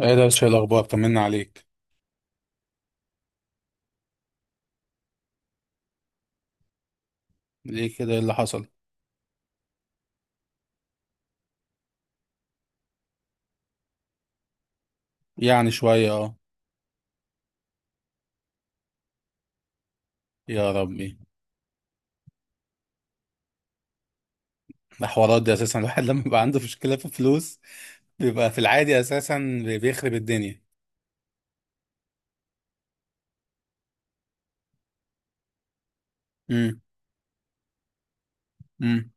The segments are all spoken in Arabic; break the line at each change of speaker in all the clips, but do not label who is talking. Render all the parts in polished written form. ايه ده؟ شايل الاخبار، طمنا عليك. ليه كده؟ ايه اللي حصل؟ يعني شويه اه. يا ربي. الحوارات دي اساسا الواحد لما بيبقى عنده مشكله في فلوس بيبقى في العادي اساسا بيخرب الدنيا. امم. امم.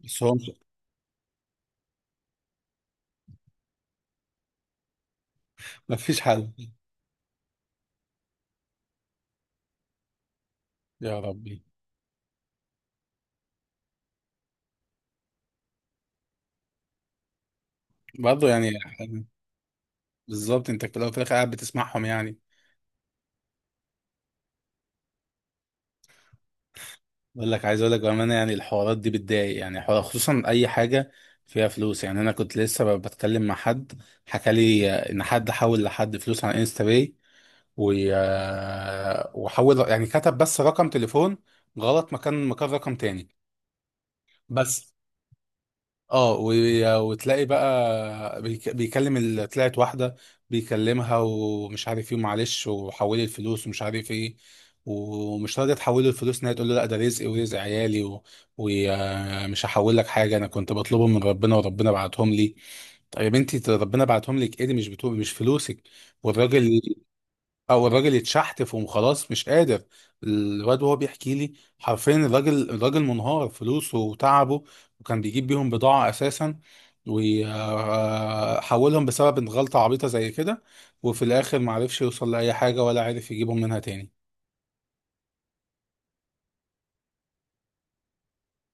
بس هو مش- مفيش حل. يا ربي. برضه يعني بالظبط، انت في الاول وفي الاخر قاعد بتسمعهم يعني. بقول لك، عايز اقول لك بامانه يعني الحوارات دي بتضايق، يعني حوار خصوصا اي حاجه فيها فلوس. يعني انا كنت لسه بتكلم مع حد حكى لي ان حد حول لحد فلوس على انستا باي، وحول يعني كتب بس رقم تليفون غلط، مكان رقم تاني. بس. اه، وتلاقي بقى طلعت واحدة بيكلمها ومش عارف ايه، معلش وحولي الفلوس ومش عارف ايه، ومش راضية تحول له الفلوس. ان هي تقول له: لا، ده رزقي ورزق عيالي ومش هحول لك حاجة، انا كنت بطلبهم من ربنا وربنا بعتهم لي. طيب انت ربنا بعتهم لك؟ ايه دي؟ مش فلوسك. والراجل او الراجل يتشحتف وخلاص مش قادر. الواد وهو بيحكي لي حرفيا، الراجل منهار، فلوسه وتعبه وكان بيجيب بيهم بضاعة اساسا، وحولهم بسبب إن غلطة عبيطة زي كده، وفي الاخر معرفش يوصل لأي حاجة ولا عارف يجيبهم منها تاني.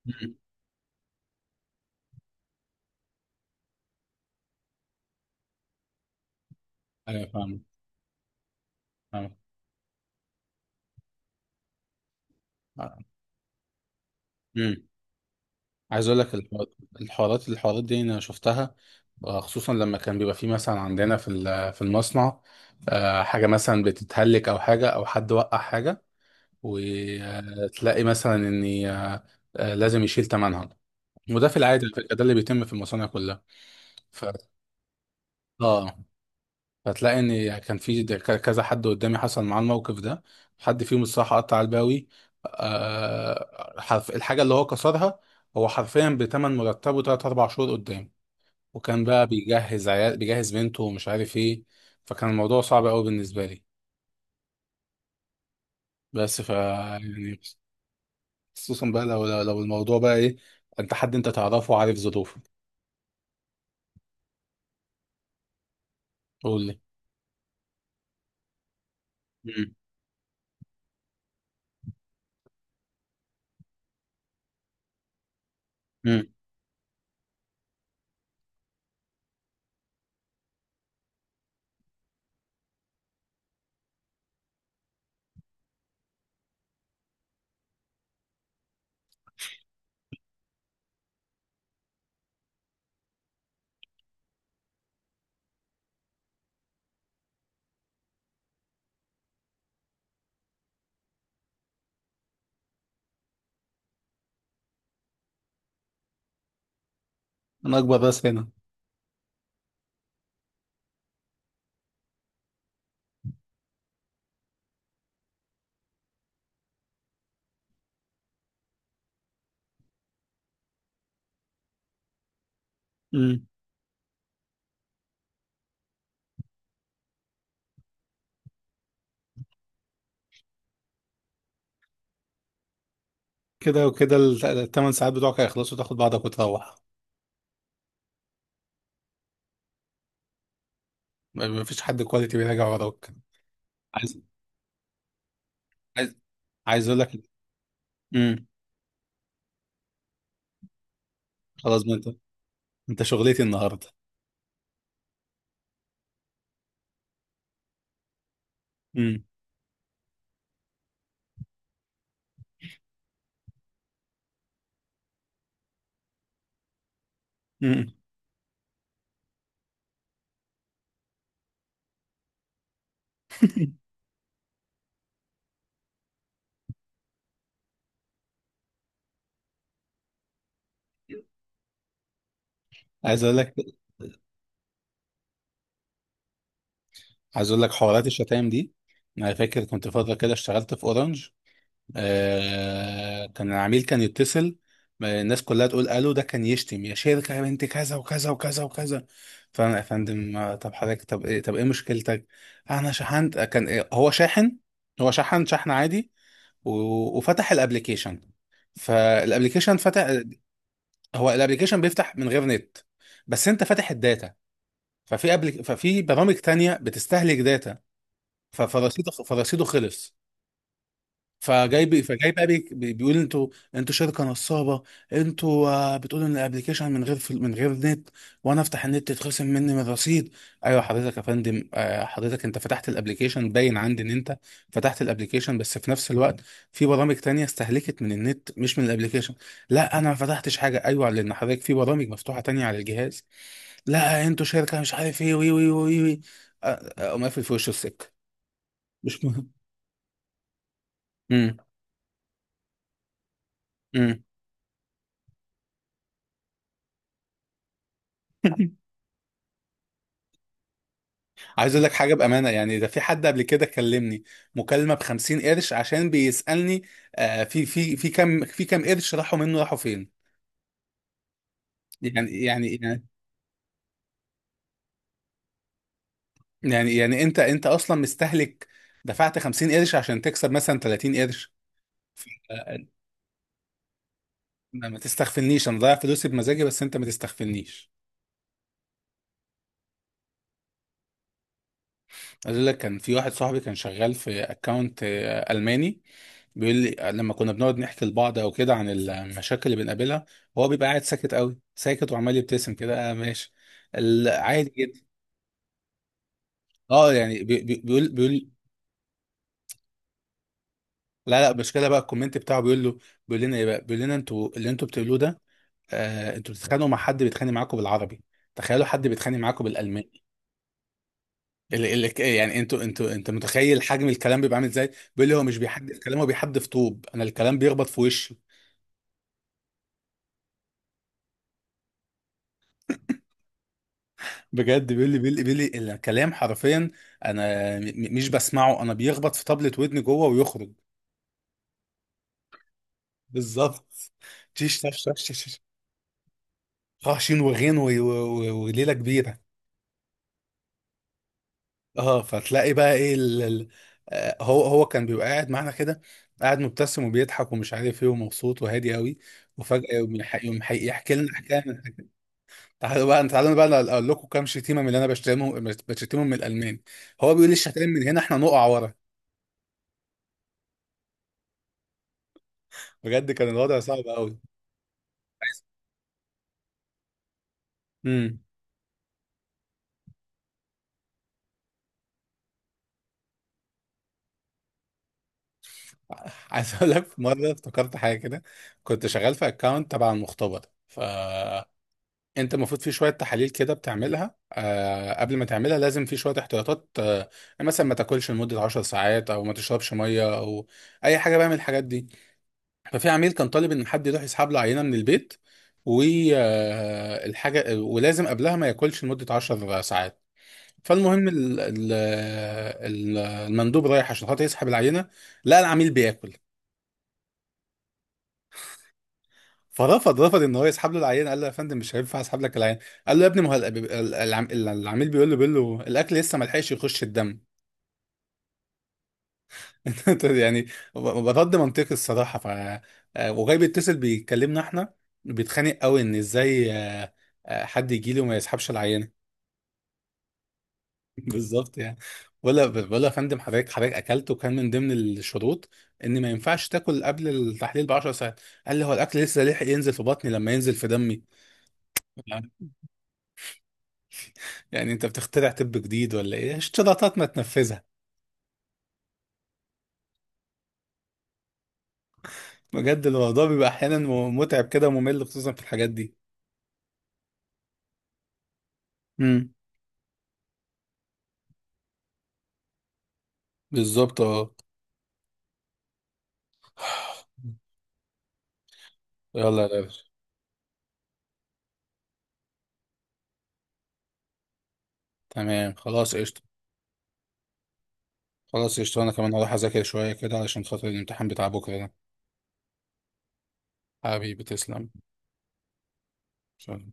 مم. ايوه، فاهم. فاهم. امم. عايز اقول لك الحوار- الحوارات دي انا شفتها. خصوصا لما كان بيبقى في مثلا عندنا في المصنع، حاجه مثلا بتتهلك او حاجه، او حد وقع حاجه، وتلاقي مثلا ان لازم يشيل ثمنها. وده في العادي على فكرة، ده اللي بيتم في المصانع كلها. ف اه فتلاقي ان كان كذا حد قدامي حصل معاه الموقف ده. حد فيهم الصراحه قطع الباوي، حرف الحاجه اللي هو كسرها. هو حرفيا بتمن مرتبه 3 4 شهور قدام، وكان بقى بيجهز عيال، بيجهز بنته ومش عارف ايه. فكان الموضوع صعب قوي بالنسبه لي. بس ف يعني، خصوصا بقى لو الموضوع بقى ايه؟ انت حد انت تعرفه وعارف ظروفه. قول لي. مم. مم. انا اكبر راس هنا. مم. كده وكده الثمان ساعات بتوعك هيخلصوا تاخد بعضك وتروح. مفيش حد كواليتي بيراجع وراك. عايز. عايز. عايز اقول لك. امم. خلاص، ما انت، انت شغلتي النهارده. امم. امم. عايز اقول لك. عايز اقول لك حوارات الشتايم دي. انا فاكر كنت فتره كده اشتغلت في اورنج. آه، كان العميل كان يتصل، ما الناس كلها تقول الو، ده كان يشتم يا شركه يا بنت كذا وكذا وكذا وكذا. فانا: يا فندم، طب حضرتك، طب ايه، طب ايه مشكلتك؟ انا شحنت كان إيه؟ هو شاحن، هو شحن، شحن عادي وفتح الابليكيشن، فالابليكيشن فتح. هو الابليكيشن بيفتح من غير نت، بس انت فاتح الداتا. ففي برامج تانية بتستهلك داتا. فرصيده خلص. فجاي بقى بيقول: انتوا، انتوا شركه نصابه، انتوا بتقولوا ان الابلكيشن من غير من غير نت، وانا افتح النت يتخصم مني من الرصيد. ايوه حضرتك، يا فندم، حضرتك انت فتحت الابلكيشن، باين عندي ان انت فتحت الابلكيشن بس في نفس الوقت في برامج تانية استهلكت من النت، مش من الابلكيشن. لا، انا ما فتحتش حاجه. ايوه، لان حضرتك في برامج مفتوحه تانية على الجهاز. لا، انتوا شركه مش عارف ايه، وي وي وي وي. اقوم قافل في وشه السكه. مش مهم. امم. امم. عايز اقول لك حاجه بامانه، يعني ده في حد قبل كده كلمني مكالمه ب 50 قرش عشان بيسالني في كام، في كام قرش راحوا منه؟ راحوا فين؟ يعني يعني يعني يعني انت اصلا مستهلك، دفعت 50 قرش عشان تكسب مثلا 30 قرش. ف- آه، ما تستغفلنيش، انا ضايع فلوسي بمزاجي بس انت ما تستغفلنيش. عايز اقول لك كان في واحد صاحبي كان شغال في اكونت الماني. بيقول لي، لما كنا بنقعد نحكي لبعض او كده عن المشاكل اللي بنقابلها، هو بيبقى قاعد ساكت قوي ساكت وعمال يبتسم كده، آه ماشي، عادي جدا. اه يعني بيقول. لا لا، المشكله بقى الكومنت بتاعه بيقول له، بيقول لنا ايه بقى؟ بيقول لنا: انتوا اللي انتوا بتقولوه ده، آه انتوا بتتخانقوا مع حد بيتخانق معاكم بالعربي، تخيلوا حد بيتخانق معاكم بالالماني. ال ال يعني انتوا، انت متخيل حجم الكلام بيبقى عامل ازاي؟ بيقول لي هو مش بيحدف كلام، هو بيحدف طوب. انا الكلام بيخبط في وشي. بجد، بيقول لي الكلام حرفيا انا مش بسمعه، انا بيخبط في طبلة ودني جوه ويخرج. بالظبط. تيش تش تش تش تش. خاشين وغين وليله كبيره. اه، فتلاقي بقى ايه ال ال هو كان بيبقى قاعد معانا كده، قاعد مبتسم وبيضحك ومش عارف ايه ومبسوط وهادي قوي، وفجأة يقوم يح- يقوم حي- يحكي لنا حكاية: تعالوا بقى، تعالوا بقى اقول لكم كام شتيمه من اللي انا بشتمهم، بشتمهم من الالمان. هو بيقول لي الشتايم من هنا احنا نقع ورا. بجد كان الوضع صعب قوي. عايز. امم. عايز اقول لك في مره افتكرت حاجه كده، كنت شغال في اكونت تبع المختبر. ف انت المفروض في شويه تحاليل كده بتعملها، قبل ما تعملها لازم في شويه احتياطات، مثلا ما تاكلش لمده 10 ساعات، او ما تشربش ميه، او اي حاجه بقى من الحاجات دي. ففي عميل كان طالب ان حد يروح يسحب له عينه من البيت، والحاجه ولازم قبلها ما ياكلش لمده 10 ساعات. فالمهم المندوب رايح عشان خاطر يسحب العينه، لقى العميل بياكل. فرفض، ان هو يسحب له العينه. قال له: يا فندم مش هينفع اسحب لك العينه. قال له: يا ابني ما هو العميل بيقول له، بيقول له الاكل لسه ما لحقش يخش الدم. طيب يعني برد منطقي الصراحه. ف وجاي بيتصل بيكلمنا احنا، بيتخانق قوي ان ازاي حد يجي لي وما يسحبش العينه؟ بالظبط يعني. ولا ولا يا فندم، حضرتك حضرتك اكلت وكان من ضمن الشروط ان ما ينفعش تاكل قبل التحليل ب 10 ساعات. قال لي هو الاكل لسه لحق ينزل في بطني لما ينزل في دمي؟ يعني انت بتخترع طب جديد ولا ايه؟ اشتراطات ما تنفذها. بجد الموضوع بيبقى احيانا متعب كده وممل، خصوصا في الحاجات دي. امم. بالظبط، اه. يلا يا باشا. تمام خلاص قشطة. خلاص قشطة، أنا كمان هروح أذاكر شوية كده علشان خاطر الامتحان بتاع بكرة ده. حبيبي تسلم. سلام.